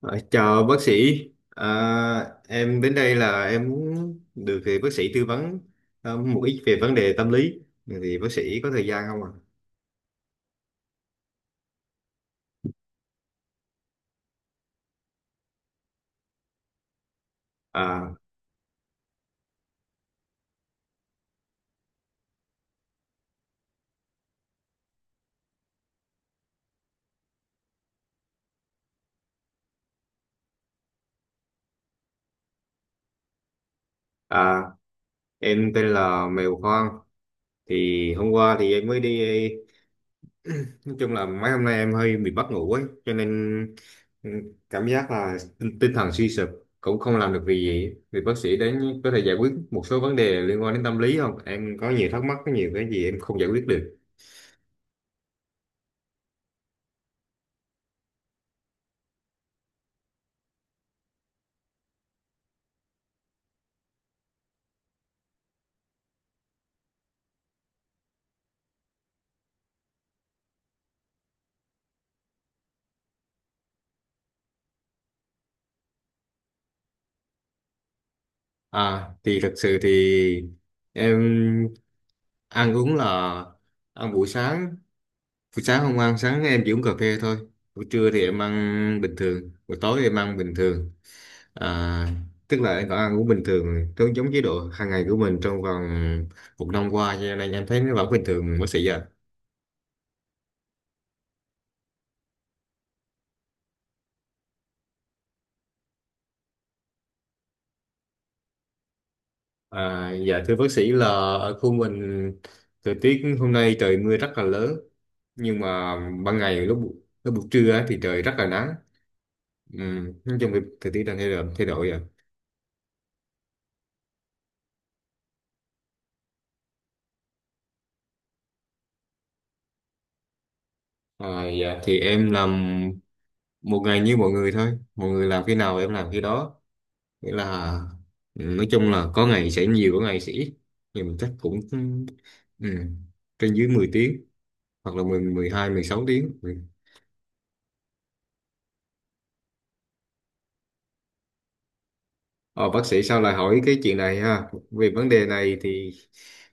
Ờ, Chào bác sĩ, à, em đến đây là em muốn được thì bác sĩ tư vấn một ít về vấn đề tâm lý, thì bác sĩ có thời gian không ạ? À, à, em tên là Mèo Hoang, thì hôm qua thì em mới đi, nói chung là mấy hôm nay em hơi bị mất ngủ ấy, cho nên ừ, cảm giác là tinh thần suy sụp, cũng không làm được việc gì. Thì bác sĩ đến có thể giải quyết một số vấn đề liên quan đến tâm lý không? Em có nhiều thắc mắc, có nhiều cái gì em không giải quyết được. À, thì thật sự thì em ăn uống là ăn buổi sáng không ăn, sáng em chỉ uống cà phê thôi. Buổi trưa thì em ăn bình thường, buổi tối em ăn bình thường. À, tức là em vẫn ăn uống bình thường, giống giống chế độ hàng ngày của mình trong vòng một năm qua, cho nên em thấy nó vẫn bình thường bác sĩ ạ. À, dạ thưa bác sĩ là ở khu mình thời tiết hôm nay trời mưa rất là lớn, nhưng mà ban ngày lúc lúc buổi trưa á thì trời rất là nắng. Ừ, nói chung thì thời tiết đang thay đổi rồi. À, dạ, thì em làm một ngày như mọi người thôi, mọi người làm khi nào em làm khi đó, nghĩa là nói chung là có ngày sẽ nhiều có ngày sẽ ít, thì mình chắc cũng ừ, trên dưới 10 tiếng, hoặc là 10 12 16 tiếng . Ờ, bác sĩ sao lại hỏi cái chuyện này ha? Về vấn đề này thì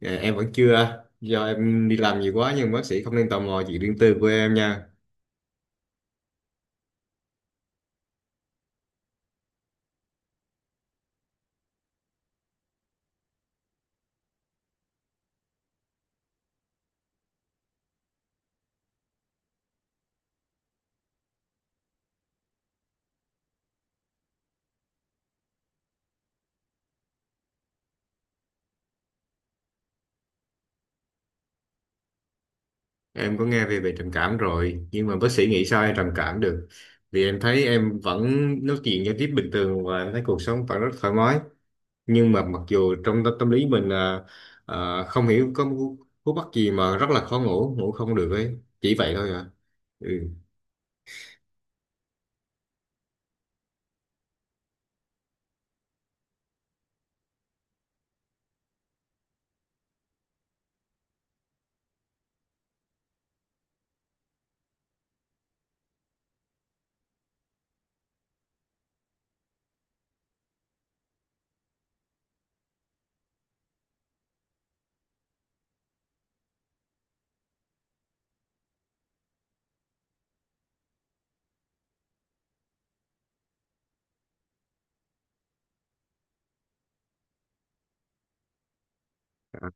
em vẫn chưa, do em đi làm nhiều quá, nhưng bác sĩ không nên tò mò chuyện riêng tư của em nha. Em có nghe về về trầm cảm rồi, nhưng mà bác sĩ nghĩ sao em trầm cảm được, vì em thấy em vẫn nói chuyện giao tiếp bình thường và em thấy cuộc sống vẫn rất thoải mái, nhưng mà mặc dù trong tâm lý mình không hiểu có một cú bắt gì mà rất là khó ngủ ngủ không được ấy, chỉ vậy thôi à ừ.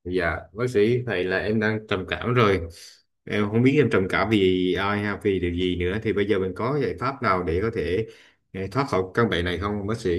Dạ bác sĩ, vậy là em đang trầm cảm rồi, em không biết em trầm cảm vì ai hay vì điều gì nữa, thì bây giờ mình có giải pháp nào để có thể thoát khỏi căn bệnh này không bác sĩ?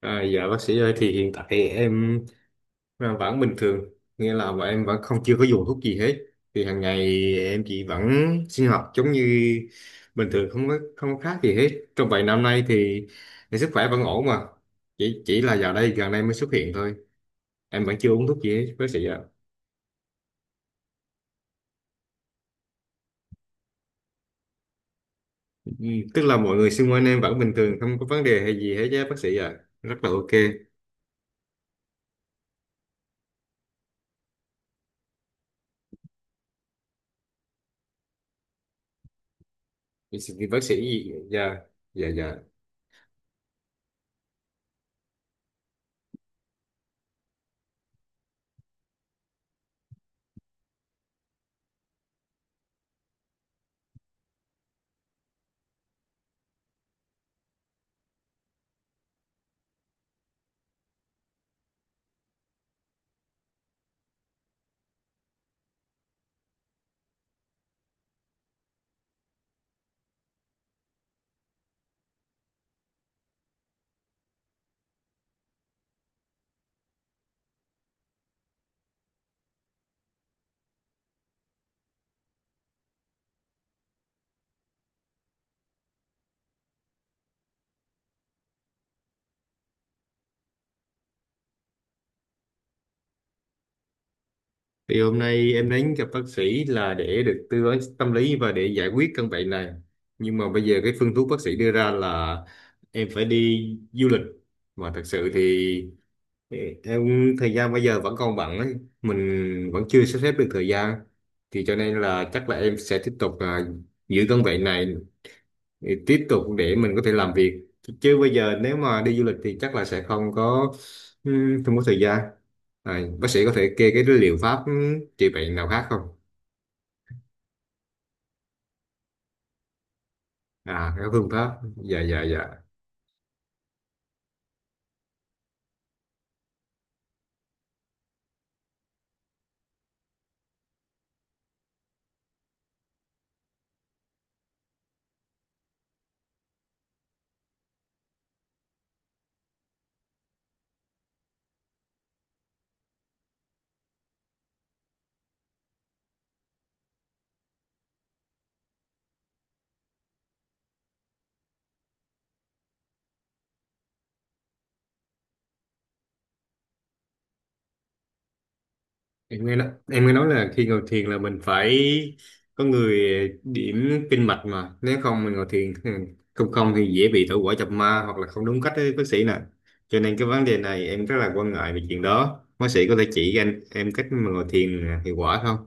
À, dạ bác sĩ ơi, thì hiện tại em là vẫn bình thường, nghĩa là bọn em vẫn không chưa có dùng thuốc gì hết, thì hàng ngày em chỉ vẫn sinh hoạt giống như bình thường, không có khác gì hết trong vài năm nay thì sức khỏe vẫn ổn mà chỉ là dạo đây gần đây mới xuất hiện thôi, em vẫn chưa uống thuốc gì hết bác sĩ ạ. Ừ, tức là mọi người xung quanh em vẫn bình thường không có vấn đề hay gì hết chứ bác sĩ ạ, rất là ok. Thì bác sĩ. Dạ, dạ, dạ. Thì hôm nay em đến gặp bác sĩ là để được tư vấn tâm lý và để giải quyết căn bệnh này. Nhưng mà bây giờ cái phương thuốc bác sĩ đưa ra là em phải đi du lịch. Mà thật sự thì em thời gian bây giờ vẫn còn bận ấy. Mình vẫn chưa sắp xếp được thời gian. Thì cho nên là chắc là em sẽ tiếp tục giữ căn bệnh này thì tiếp tục để mình có thể làm việc, chứ bây giờ nếu mà đi du lịch thì chắc là sẽ không có không có thời gian, bác sĩ có thể kê cái liệu pháp trị bệnh nào khác không? À, cái phương pháp, dạ, dạ, dạ. Em em nghe nói là khi ngồi thiền là mình phải có người điểm kinh mạch, mà nếu không mình ngồi thiền không không thì dễ bị thổ quả chập ma hoặc là không đúng cách đấy bác sĩ nè, cho nên cái vấn đề này em rất là quan ngại về chuyện đó, bác sĩ có thể chỉ cho anh em cách mà ngồi thiền hiệu quả không?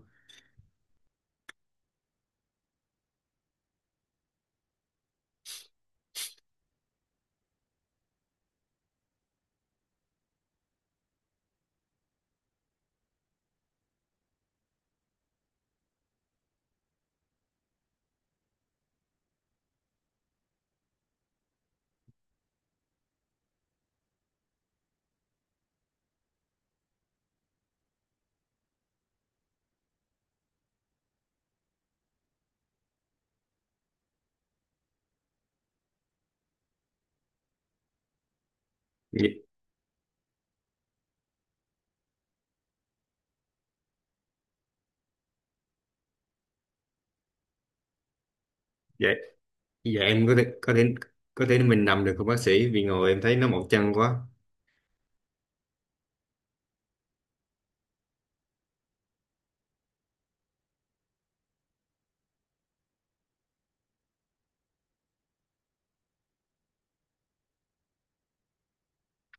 Dạ. Vậy, giờ em có thể, có thể mình nằm được không bác sĩ, vì ngồi em thấy nó mỏi chân quá.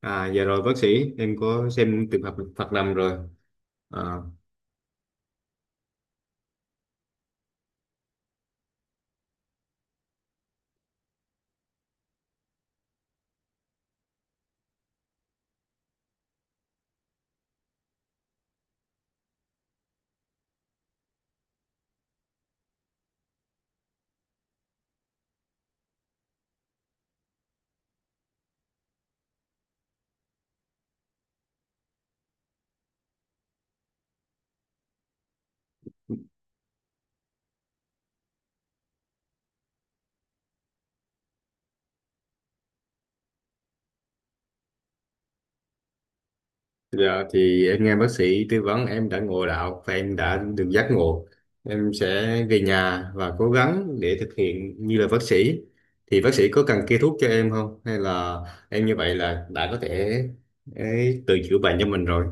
À giờ rồi bác sĩ, em có xem trường hợp Phật nằm rồi. À, giờ thì em nghe bác sĩ tư vấn em đã ngộ đạo và em đã được giác ngộ. Em sẽ về nhà và cố gắng để thực hiện như là bác sĩ. Thì bác sĩ có cần kê thuốc cho em không? Hay là em như vậy là đã có thể ấy, tự chữa bệnh cho mình rồi.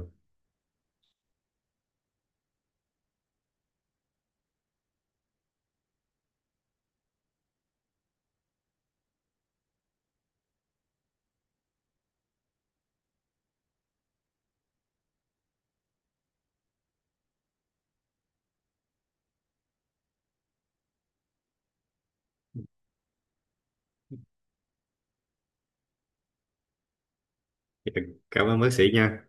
Dạ, cảm ơn bác sĩ nha.